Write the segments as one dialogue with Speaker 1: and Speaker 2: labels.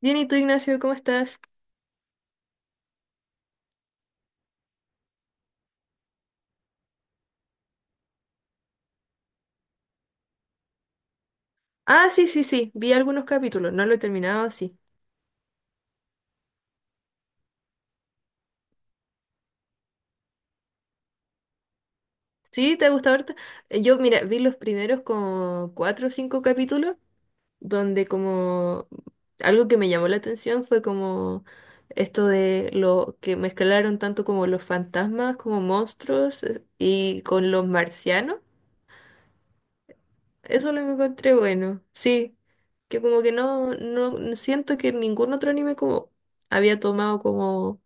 Speaker 1: Bien, ¿y tú, Ignacio, cómo estás? Ah, sí, sí, sí, vi algunos capítulos, no lo he terminado, sí. ¿Sí? ¿Te ha gustado ahorita? Yo, mira, vi los primeros como cuatro o cinco capítulos, donde como algo que me llamó la atención fue como esto de lo que mezclaron tanto como los fantasmas, como monstruos y con los marcianos. Eso lo encontré bueno, sí. Que como que no, no siento que ningún otro anime como había tomado como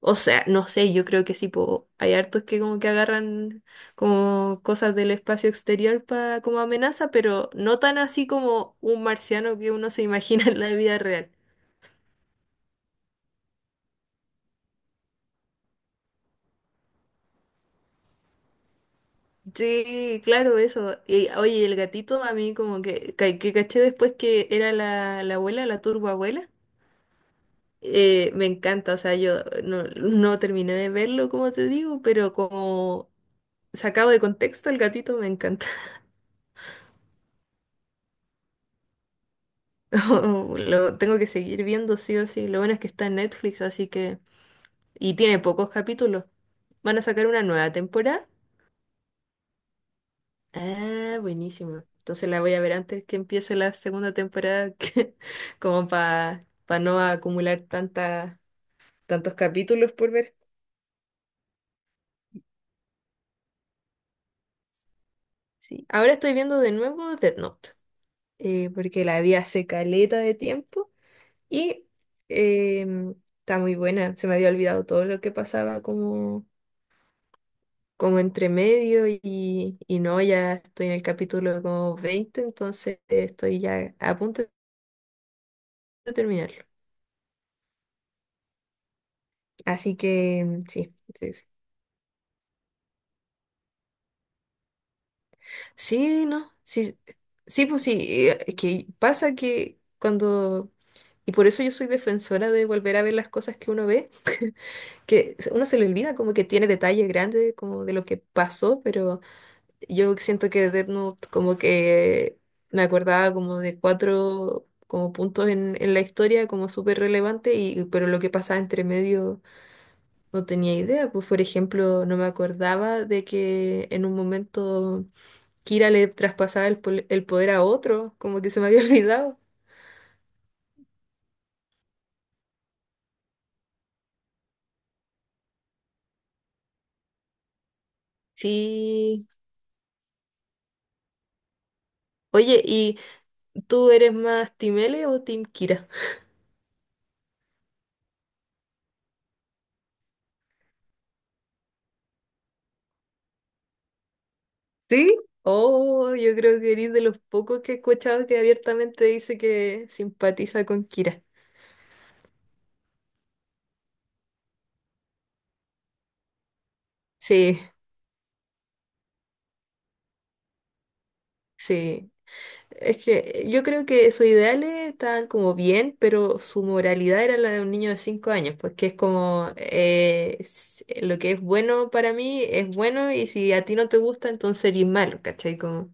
Speaker 1: o sea, no sé, yo creo que sí, po, hay hartos que como que agarran como cosas del espacio exterior para como amenaza, pero no tan así como un marciano que uno se imagina en la vida real. Sí, claro, eso. Y, oye, el gatito a mí como que, que caché después que era la abuela, la turboabuela. Me encanta, o sea, yo no, no terminé de verlo, como te digo, pero como sacado de contexto, el gatito me encanta. Lo tengo que seguir viendo sí o sí. Lo bueno es que está en Netflix, así que. Y tiene pocos capítulos. Van a sacar una nueva temporada. Ah, buenísimo. Entonces la voy a ver antes que empiece la segunda temporada, como para no acumular tanta, tantos capítulos por ver. Sí. Ahora estoy viendo de nuevo Death Note, porque la vi hace caleta de tiempo y em, está muy buena. Se me había olvidado todo lo que pasaba como entre medio y no, ya estoy en el capítulo como 20, entonces estoy ya a punto de terminarlo. Así que mm, sí, sí, sí, sí, no, sí, sí, pues sí, es que pasa que y por eso yo soy defensora de volver a ver las cosas que uno ve, que uno se le olvida, como que tiene detalles grandes como de lo que pasó, pero yo siento que Death Note como que me acordaba como de cuatro como puntos en la historia, como súper relevante, y pero lo que pasaba entre medio no tenía idea. Pues por ejemplo, no me acordaba de que en un momento Kira le traspasaba el poder a otro, como que se me había olvidado. Sí. Oye, ¿y tú eres más Team L o Team Kira? ¿Sí? Oh, yo creo que eres de los pocos que he escuchado que abiertamente dice que simpatiza con Kira. Sí, sí. Es que yo creo que sus ideales estaban como bien, pero su moralidad era la de un niño de 5 años, pues que es como lo que es bueno para mí es bueno y si a ti no te gusta, entonces eres malo, ¿cachai? Como,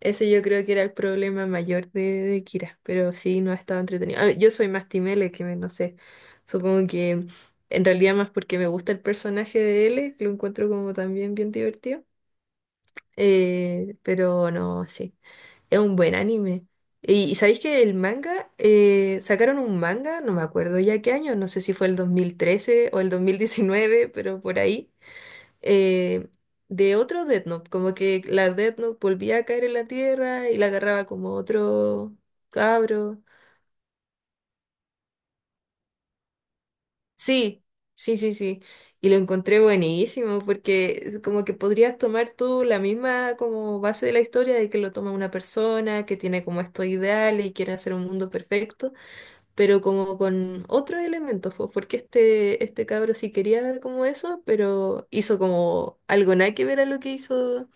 Speaker 1: ese yo creo que era el problema mayor de Kira, pero sí, no ha estado entretenido. Ah, yo soy más Team L, que no sé, supongo que en realidad más porque me gusta el personaje de L, que lo encuentro como también bien divertido, pero no, sí. Es un buen anime. Y sabéis que el manga, sacaron un manga, no me acuerdo ya qué año, no sé si fue el 2013 o el 2019, pero por ahí, eh, de otro Death Note, como que la Death Note volvía a caer en la tierra y la agarraba como otro cabro. Sí, sí, sí, sí. Y lo encontré buenísimo porque es como que podrías tomar tú la misma como base de la historia, de que lo toma una persona que tiene como estos ideales y quiere hacer un mundo perfecto, pero como con otros elementos, pues, porque este cabro sí quería como eso, pero hizo como algo nada que ver a lo que hizo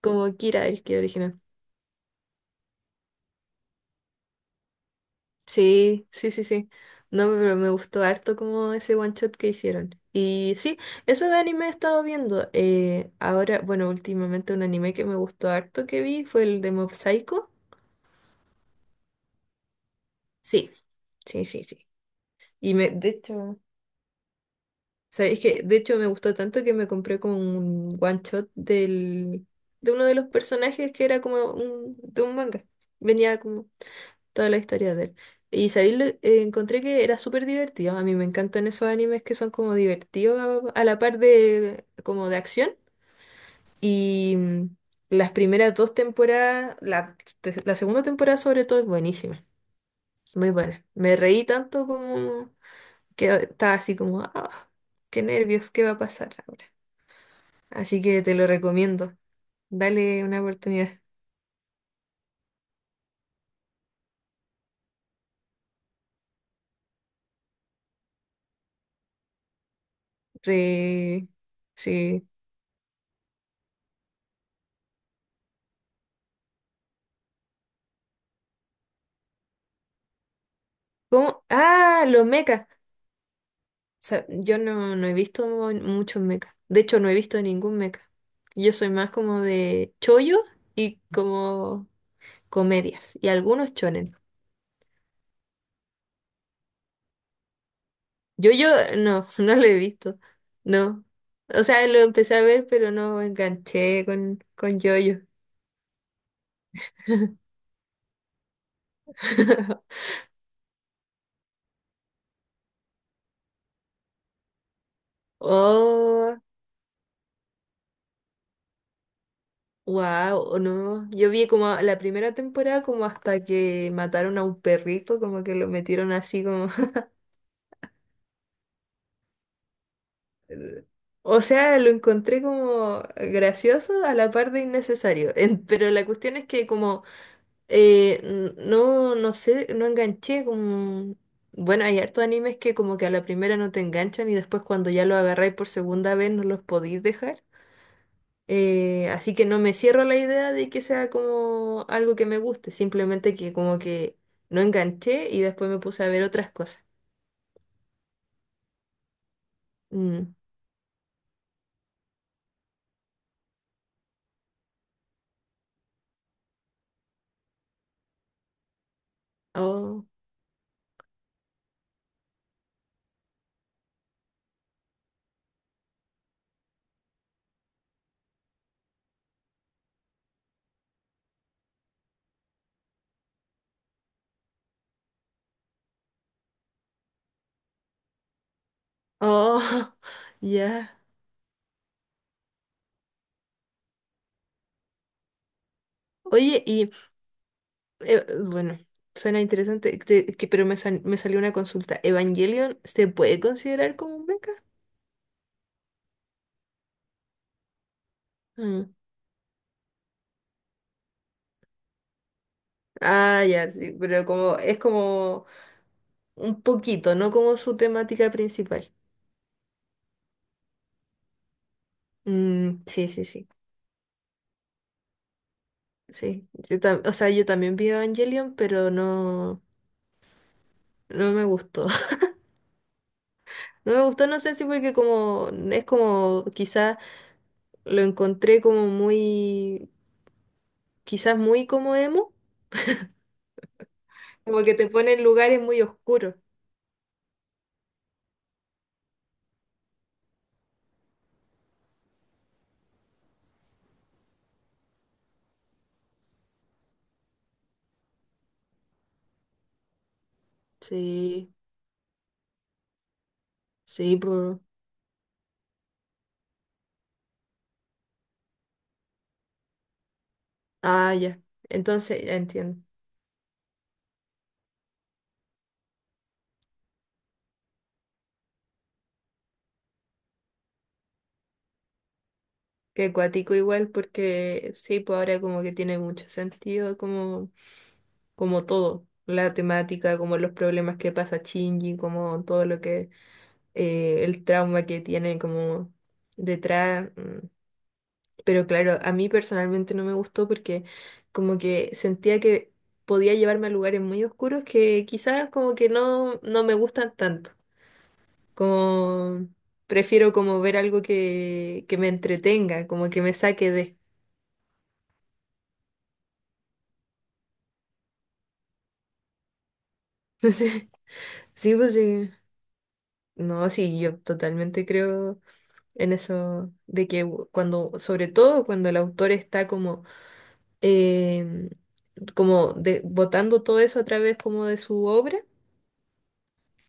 Speaker 1: como Kira, el que original. Sí, sí, sí, sí. No, pero me gustó harto como ese one shot que hicieron. Y sí, eso de anime he estado viendo. Ahora, bueno, últimamente un anime que me gustó harto que vi fue el de Mob Psycho. Sí, sí, sí, sí. De hecho, sabéis que de hecho me gustó tanto que me compré como un one shot de uno de los personajes que era como de un manga. Venía como toda la historia de él. Y sabéis, encontré que era súper divertido. A mí me encantan esos animes que son como divertidos a la par de como de acción. Y las primeras dos temporadas, la segunda temporada sobre todo es buenísima, muy buena. Me reí tanto como que estaba así como, ah, qué nervios, ¿qué va a pasar ahora? Así que te lo recomiendo. Dale una oportunidad. Sí, sí. ¿Cómo? Ah, los mechas. Yo no, no he visto muchos mechas. De hecho, no he visto ningún mecha. Yo soy más como de chollo y como comedias. Y algunos chonen. Yo, no, no lo he visto. No. O sea, lo empecé a ver, pero no enganché con yo-yo. Oh. Wow, no. Yo vi como la primera temporada como hasta que mataron a un perrito, como que lo metieron así como. O sea, lo encontré como gracioso a la par de innecesario. Pero la cuestión es que como no, no sé, no enganché como. Bueno, hay hartos animes que como que a la primera no te enganchan y después cuando ya lo agarráis por segunda vez no los podéis dejar. Así que no me cierro a la idea de que sea como algo que me guste, simplemente que como que no enganché y después me puse a ver otras cosas. Mm. Oh, oh, ya. Oye, y bueno, suena interesante, te- que, pero me, sal- me salió una consulta. ¿Evangelion se puede considerar como un mecha? Mm. Ah, ya, sí, pero como es como un poquito, no como su temática principal. Mm, sí, sí, sí. Sí, yo o sea, yo también vi Evangelion, pero no, no me gustó. No me gustó, no sé si porque como es como quizás lo encontré como muy, quizás muy como emo, como que te pone en lugares muy oscuros. Sí, sí, pues. Ah, ya. Entonces, ya entiendo. Que cuático igual, porque sí, pues ahora como que tiene mucho sentido, como, como todo, la temática, como los problemas que pasa Shinji, como todo lo que el trauma que tiene como detrás. Mm. Pero claro, a mí personalmente no me gustó porque como que sentía que podía llevarme a lugares muy oscuros que quizás como que no, no me gustan tanto. Como prefiero como ver algo que me entretenga, como que me saque de. Sí, pues sí. No, sí, yo totalmente creo en eso de que cuando, sobre todo cuando el autor está como eh, como botando todo eso a través como de su obra,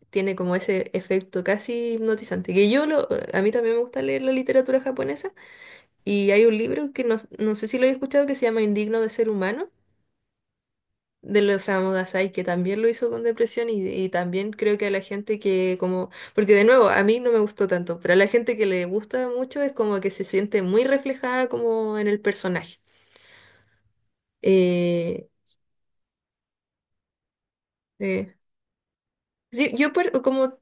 Speaker 1: tiene como ese efecto casi hipnotizante. Que a mí también me gusta leer la literatura japonesa y hay un libro que no, no sé si lo he escuchado, que se llama Indigno de ser humano. De los Osamu Dazai, que también lo hizo con depresión, y también creo que a la gente que como, porque de nuevo, a mí no me gustó tanto, pero a la gente que le gusta mucho es como que se siente muy reflejada como en el personaje. Eh, eh, Sí, yo per- como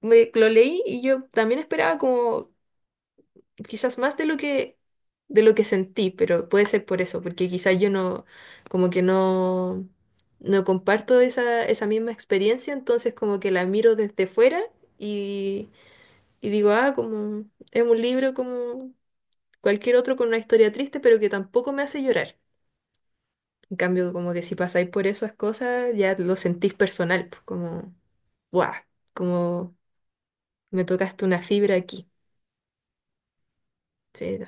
Speaker 1: me- lo leí y yo también esperaba como quizás más de lo que sentí, pero puede ser por eso, porque quizás yo no, como que no, no comparto esa misma experiencia, entonces como que la miro desde fuera y y digo, ah, como es un libro como cualquier otro con una historia triste, pero que tampoco me hace llorar. En cambio, como que si pasáis por esas cosas, ya lo sentís personal, pues, como, ¡guau! Como, me tocaste una fibra aquí. Sí,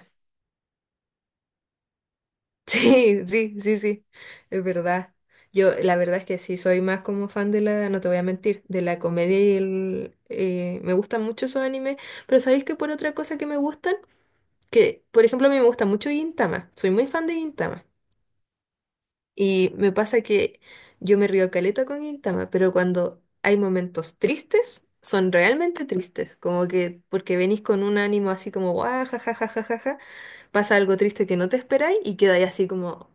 Speaker 1: sí, sí, sí, sí, es verdad. Yo, la verdad es que sí, soy más como fan de la, no te voy a mentir, de la comedia y el. Me gustan mucho esos animes, pero ¿sabéis que por otra cosa que me gustan? Que, por ejemplo, a mí me gusta mucho Gintama, soy muy fan de Gintama. Y me pasa que yo me río caleta con Gintama, pero cuando hay momentos tristes, son realmente tristes. Como que porque venís con un ánimo así como, guau, ja, ja, ja, ja, ja, ja", pasa algo triste que no te esperáis y quedáis así como.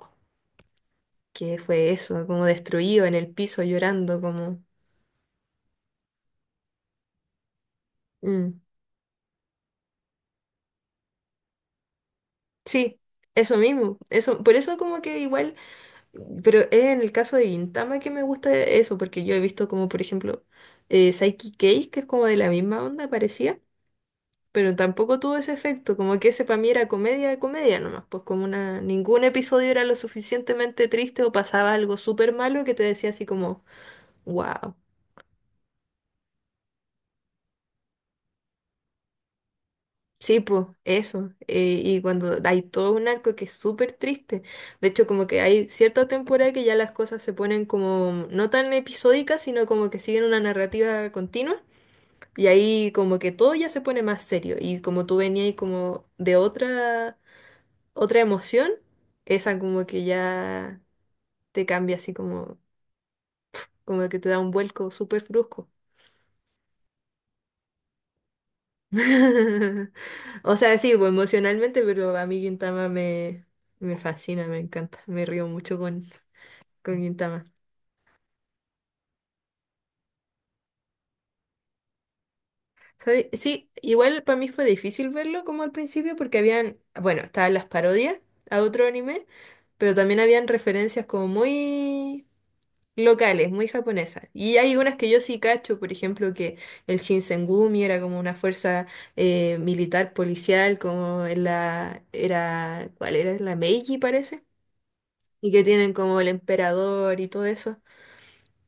Speaker 1: ¿Qué fue eso? Como destruido en el piso llorando, como. Mm. Sí, eso mismo. Eso, por eso como que igual, pero es en el caso de Gintama que me gusta eso, porque yo he visto como, por ejemplo, Psyche Case, que es como de la misma onda, parecía, pero tampoco tuvo ese efecto, como que ese para mí era comedia de comedia nomás, pues como una. Ningún episodio era lo suficientemente triste o pasaba algo súper malo que te decía así como, wow. Sí, pues, eso. Y cuando hay todo un arco que es súper triste. De hecho, como que hay cierta temporada que ya las cosas se ponen como no tan episódicas, sino como que siguen una narrativa continua. Y ahí como que todo ya se pone más serio. Y como tú venías ahí como de otra, otra emoción, esa como que ya te cambia así como, como que te da un vuelco súper brusco. O sea, sí, pues, emocionalmente, pero a mí Gintama me fascina, me encanta. Me río mucho con Gintama. ¿Sabe? Sí, igual para mí fue difícil verlo como al principio porque habían, bueno, estaban las parodias a otro anime, pero también habían referencias como muy locales, muy japonesas. Y hay unas que yo sí cacho, por ejemplo, que el Shinsengumi era como una fuerza militar policial, como en la, era, ¿cuál era? La Meiji, parece, y que tienen como el emperador y todo eso.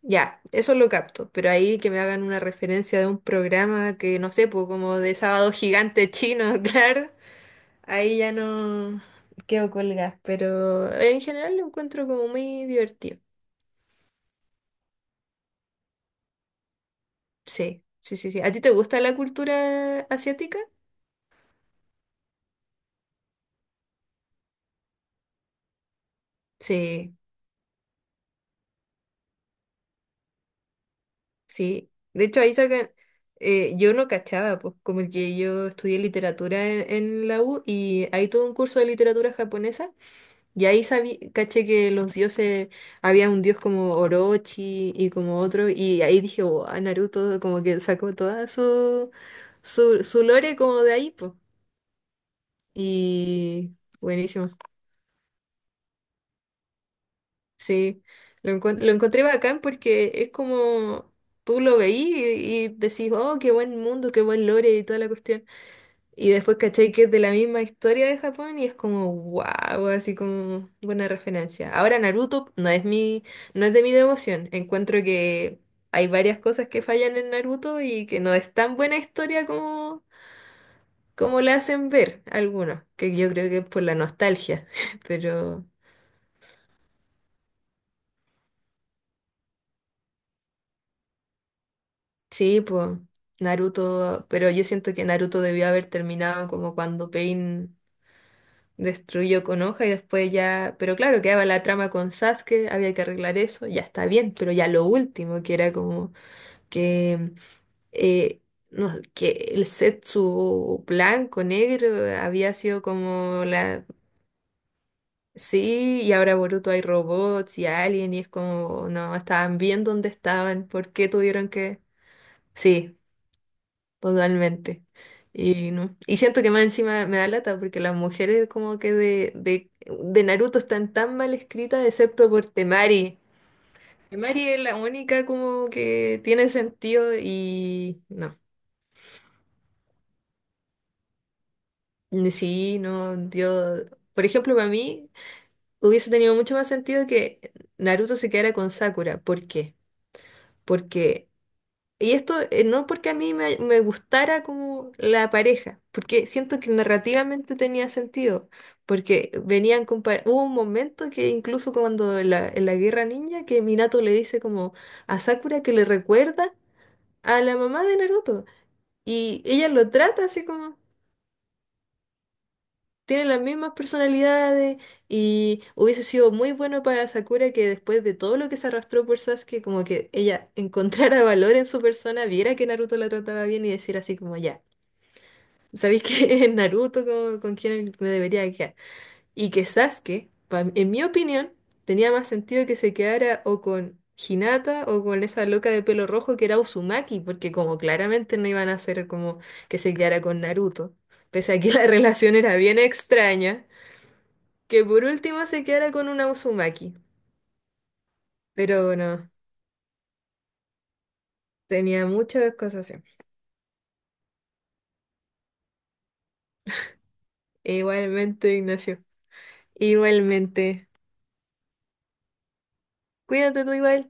Speaker 1: Ya, eso lo capto, pero ahí que me hagan una referencia de un programa que no sé, pues como de Sábado Gigante chino, claro, ahí ya no quedo colgada, pero en general lo encuentro como muy divertido. Sí, sí, sí, sí. ¿A ti te gusta la cultura asiática? Sí, sí. De hecho, ahí sacan, yo no cachaba, pues como que yo estudié literatura en la U y hay todo un curso de literatura japonesa. Y ahí sabí, caché que los dioses, había un dios como Orochi y como otro, y ahí dije, wow, Naruto como que sacó toda su, su, su lore como de ahí, pues. Y buenísimo, sí. Lo, lo encontré bacán porque es como tú lo veí y decís, oh, qué buen mundo, qué buen lore y toda la cuestión. Y después caché que es de la misma historia de Japón y es como wow, así como buena referencia. Ahora Naruto no es mi, no es de mi devoción. Encuentro que hay varias cosas que fallan en Naruto y que no es tan buena historia como, como la hacen ver algunos, que yo creo que es por la nostalgia. Pero sí, pues Naruto, pero yo siento que Naruto debió haber terminado como cuando Pain destruyó con hoja y después ya, pero claro, quedaba la trama con Sasuke, había que arreglar eso, ya está bien, pero ya lo último, que era como que, eh, no, que el Zetsu blanco, negro, había sido como la... Sí, y ahora Boruto hay robots y alien y es como, no, estaban bien donde estaban, ¿por qué tuvieron que...? Sí, totalmente. Y, no. Y siento que más encima me da lata porque las mujeres como que de Naruto están tan mal escritas excepto por Temari. Temari es la única como que tiene sentido y no. Ni sí, no, yo, por ejemplo, para mí hubiese tenido mucho más sentido que Naruto se quedara con Sakura. ¿Por qué? Porque y esto no porque a mí me gustara como la pareja, porque siento que narrativamente tenía sentido, porque venían compar hubo un momento que incluso cuando en la Guerra Ninja que Minato le dice como a Sakura que le recuerda a la mamá de Naruto y ella lo trata así como tiene las mismas personalidades y hubiese sido muy bueno para Sakura que después de todo lo que se arrastró por Sasuke, como que ella encontrara valor en su persona, viera que Naruto la trataba bien y decir así como ya. Sabéis que Naruto con quien me debería quedar. Y que Sasuke, pa- en mi opinión, tenía más sentido que se quedara o con Hinata o con esa loca de pelo rojo que era Uzumaki, porque como claramente no iban a hacer como que se quedara con Naruto, pese a que la relación era bien extraña, que por último se quedara con una Uzumaki. Pero no, tenía muchas cosas así. Igualmente, Ignacio. Igualmente. Cuídate tú igual.